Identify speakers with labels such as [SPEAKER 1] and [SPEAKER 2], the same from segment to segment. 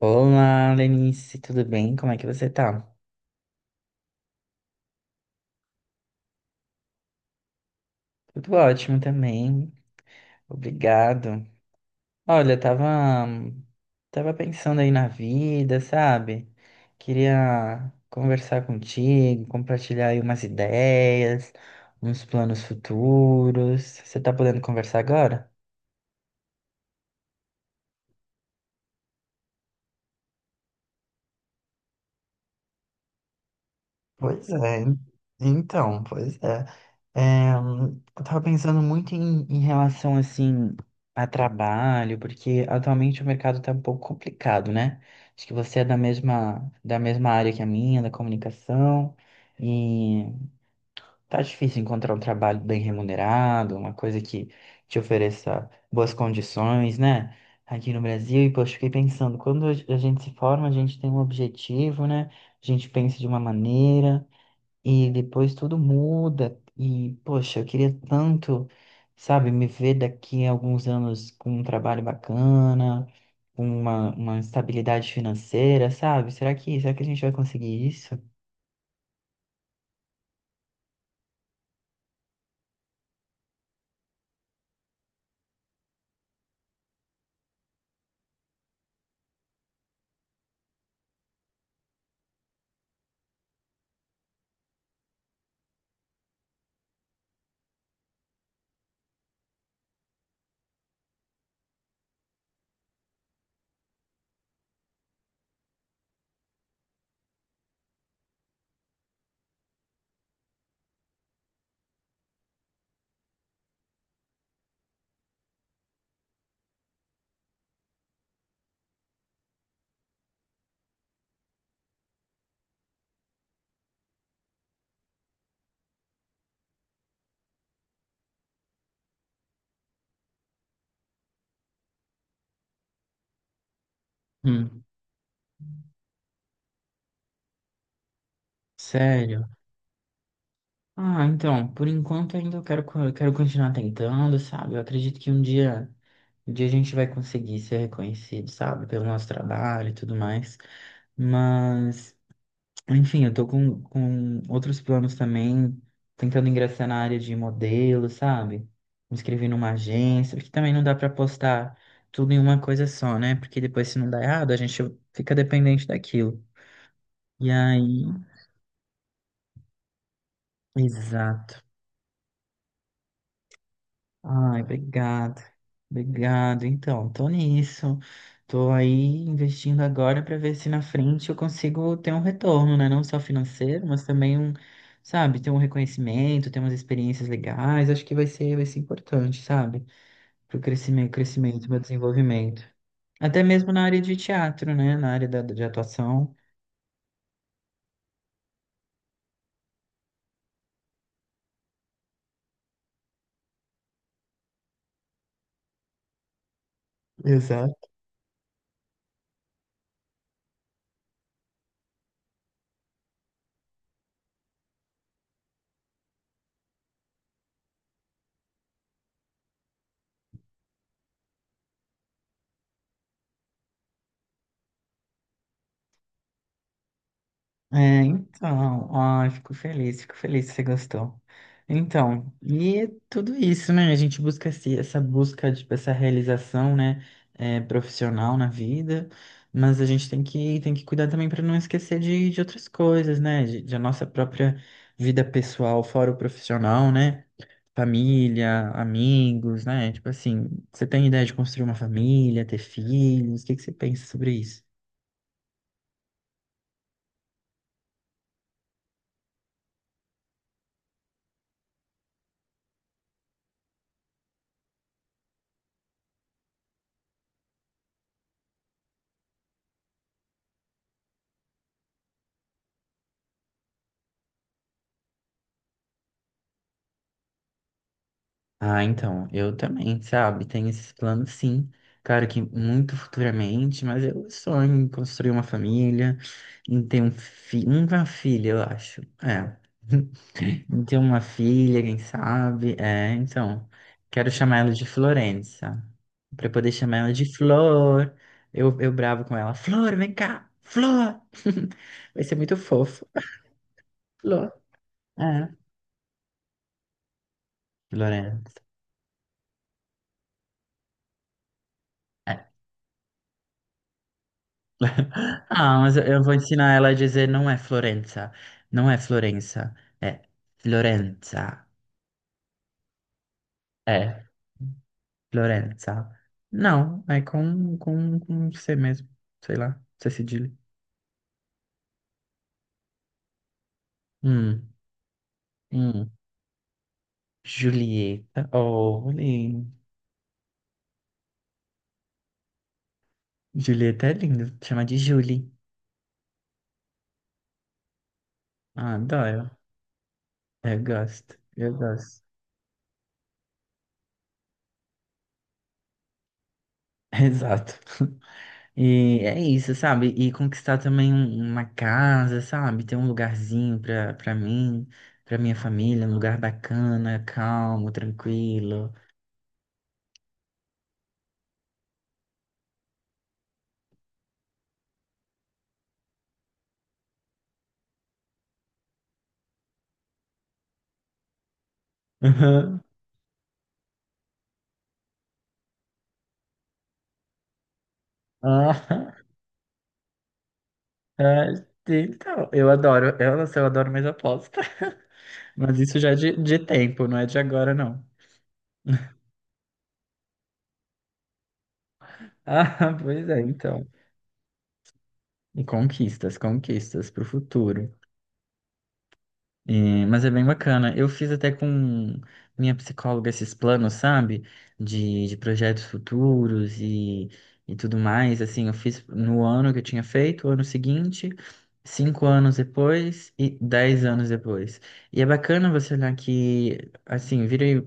[SPEAKER 1] Olá, Lenice, tudo bem? Como é que você tá? Tudo ótimo também, obrigado. Olha, tava pensando aí na vida, sabe? Queria conversar contigo, compartilhar aí umas ideias, uns planos futuros. Você tá podendo conversar agora? Pois é, pois é. É, hum, eu tava pensando muito em relação, assim, a trabalho, porque atualmente o mercado tá um pouco complicado, né? Acho que você é da mesma área que a minha, da comunicação, e tá difícil encontrar um trabalho bem remunerado, uma coisa que te ofereça boas condições, né? Aqui no Brasil, e poxa, fiquei pensando, quando a gente se forma, a gente tem um objetivo, né? A gente pensa de uma maneira. E depois tudo muda. E, poxa, eu queria tanto, sabe, me ver daqui a alguns anos com um trabalho bacana, com uma estabilidade financeira, sabe? Será que a gente vai conseguir isso? Hum, sério? Ah, então, por enquanto ainda eu quero continuar tentando, sabe? Eu acredito que um dia a gente vai conseguir ser reconhecido, sabe? Pelo nosso trabalho e tudo mais. Mas. Enfim, eu tô com outros planos também, tentando ingressar na área de modelo, sabe? Me inscrever numa agência, porque também não dá pra postar tudo em uma coisa só, né? Porque depois, se não dá errado, a gente fica dependente daquilo. E aí, exato. Ai, obrigado. Obrigado. Então, tô nisso. Tô aí investindo agora para ver se na frente eu consigo ter um retorno, né? Não só financeiro, mas também um, sabe, ter um reconhecimento, ter umas experiências legais. Acho que vai ser importante, sabe? Pro crescimento, meu desenvolvimento. Até mesmo na área de teatro, né? Na área de atuação. Exato. É, então, ó, fico feliz que você gostou. Então, e é tudo isso, né? A gente busca essa busca, tipo, essa realização, né, é, profissional na vida, mas a gente tem que cuidar também para não esquecer de outras coisas, né? De a nossa própria vida pessoal, fora o profissional, né? Família, amigos, né? Tipo assim, você tem ideia de construir uma família, ter filhos? O que que você pensa sobre isso? Ah, então, eu também, sabe? Tenho esses planos, sim. Claro que muito futuramente, mas eu sonho em construir uma família, em ter um fi uma filha, eu acho. É. Em ter uma filha, quem sabe? É, então, quero chamar ela de Florença. Pra poder chamar ela de Flor. Eu bravo com ela. Flor, vem cá! Flor! Vai ser muito fofo. Flor. É, Florença. Ah, mas eu vou ensinar ela a dizer não é Florença. Não é Florença. É Florenza. É Florenza. Não, é com C mesmo. Sei lá, C cedilha. Hum, hum. Julieta. Oh, lindo. Julieta é lindo. Chama de Julie. Ah, adoro. Eu gosto. Exato. E é isso, sabe? E conquistar também uma casa, sabe? Ter um lugarzinho pra mim, pra minha família, um lugar bacana, calmo, tranquilo. Aham. Ah, ah, então, eu adoro, eu não sei, eu adoro mais aposta. Mas isso já é de tempo, não é de agora, não. Ah, pois é, então. E conquistas pro futuro. Mas é bem bacana. Eu fiz até com minha psicóloga esses planos, sabe? De projetos futuros e tudo mais. Assim, eu fiz no ano que eu tinha feito, o ano seguinte, 5 anos depois e 10 anos depois. E é bacana você olhar que, assim,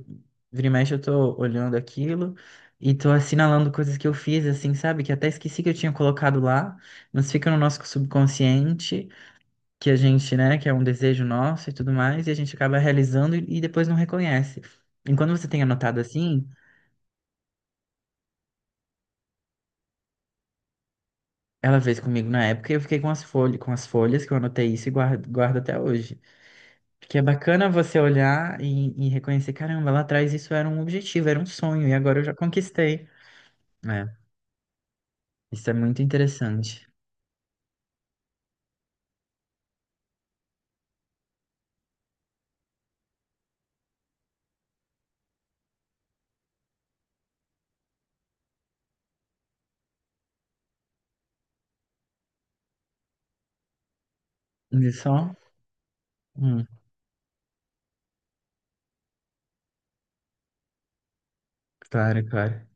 [SPEAKER 1] vira e mexe, eu tô olhando aquilo e tô assinalando coisas que eu fiz, assim, sabe? Que até esqueci que eu tinha colocado lá, mas fica no nosso subconsciente que a gente, né, que é um desejo nosso e tudo mais, e a gente acaba realizando e depois não reconhece. Enquanto você tem anotado assim, ela fez comigo na época e eu fiquei com as folhas que eu anotei isso e guardo até hoje. Porque é bacana você olhar e reconhecer, caramba, lá atrás isso era um objetivo, era um sonho, e agora eu já conquistei. É, isso é muito interessante. E só? Hum, claro.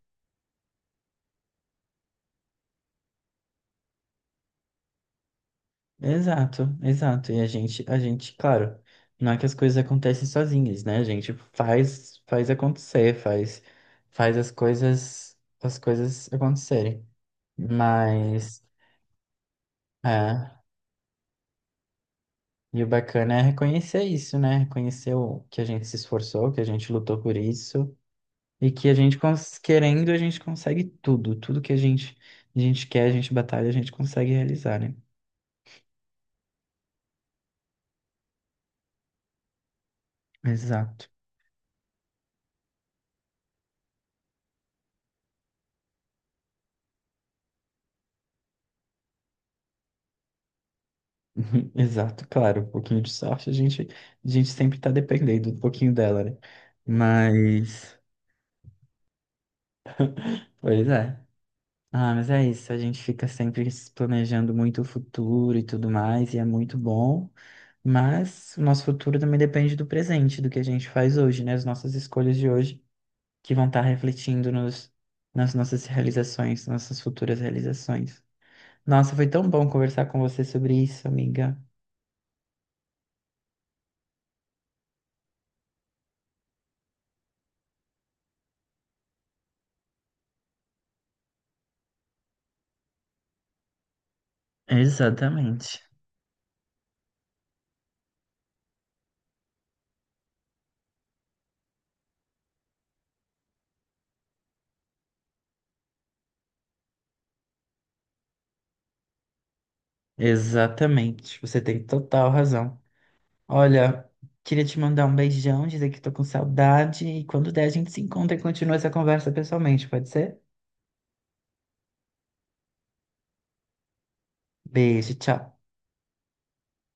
[SPEAKER 1] Exato. E claro, não é que as coisas acontecem sozinhas, né? A gente faz acontecer, faz as as coisas acontecerem. Mas, é, e o bacana é reconhecer isso, né? Reconhecer o, que a gente se esforçou, que a gente lutou por isso e que a gente, cons- querendo, a gente consegue tudo, tudo que a gente quer, a gente batalha, a gente consegue realizar, né? Exato. Uhum, exato, claro, um pouquinho de sorte, a gente sempre tá dependendo um pouquinho dela, né? Mas, pois é. Ah, mas é isso, a gente fica sempre se planejando muito o futuro e tudo mais, e é muito bom, mas o nosso futuro também depende do presente, do que a gente faz hoje, né? As nossas escolhas de hoje, que vão estar refletindo nas nossas realizações, nossas futuras realizações. Nossa, foi tão bom conversar com você sobre isso, amiga. Exatamente. Exatamente, você tem total razão. Olha, queria te mandar um beijão, dizer que tô com saudade e quando der a gente se encontra e continua essa conversa pessoalmente, pode ser? Beijo, tchau.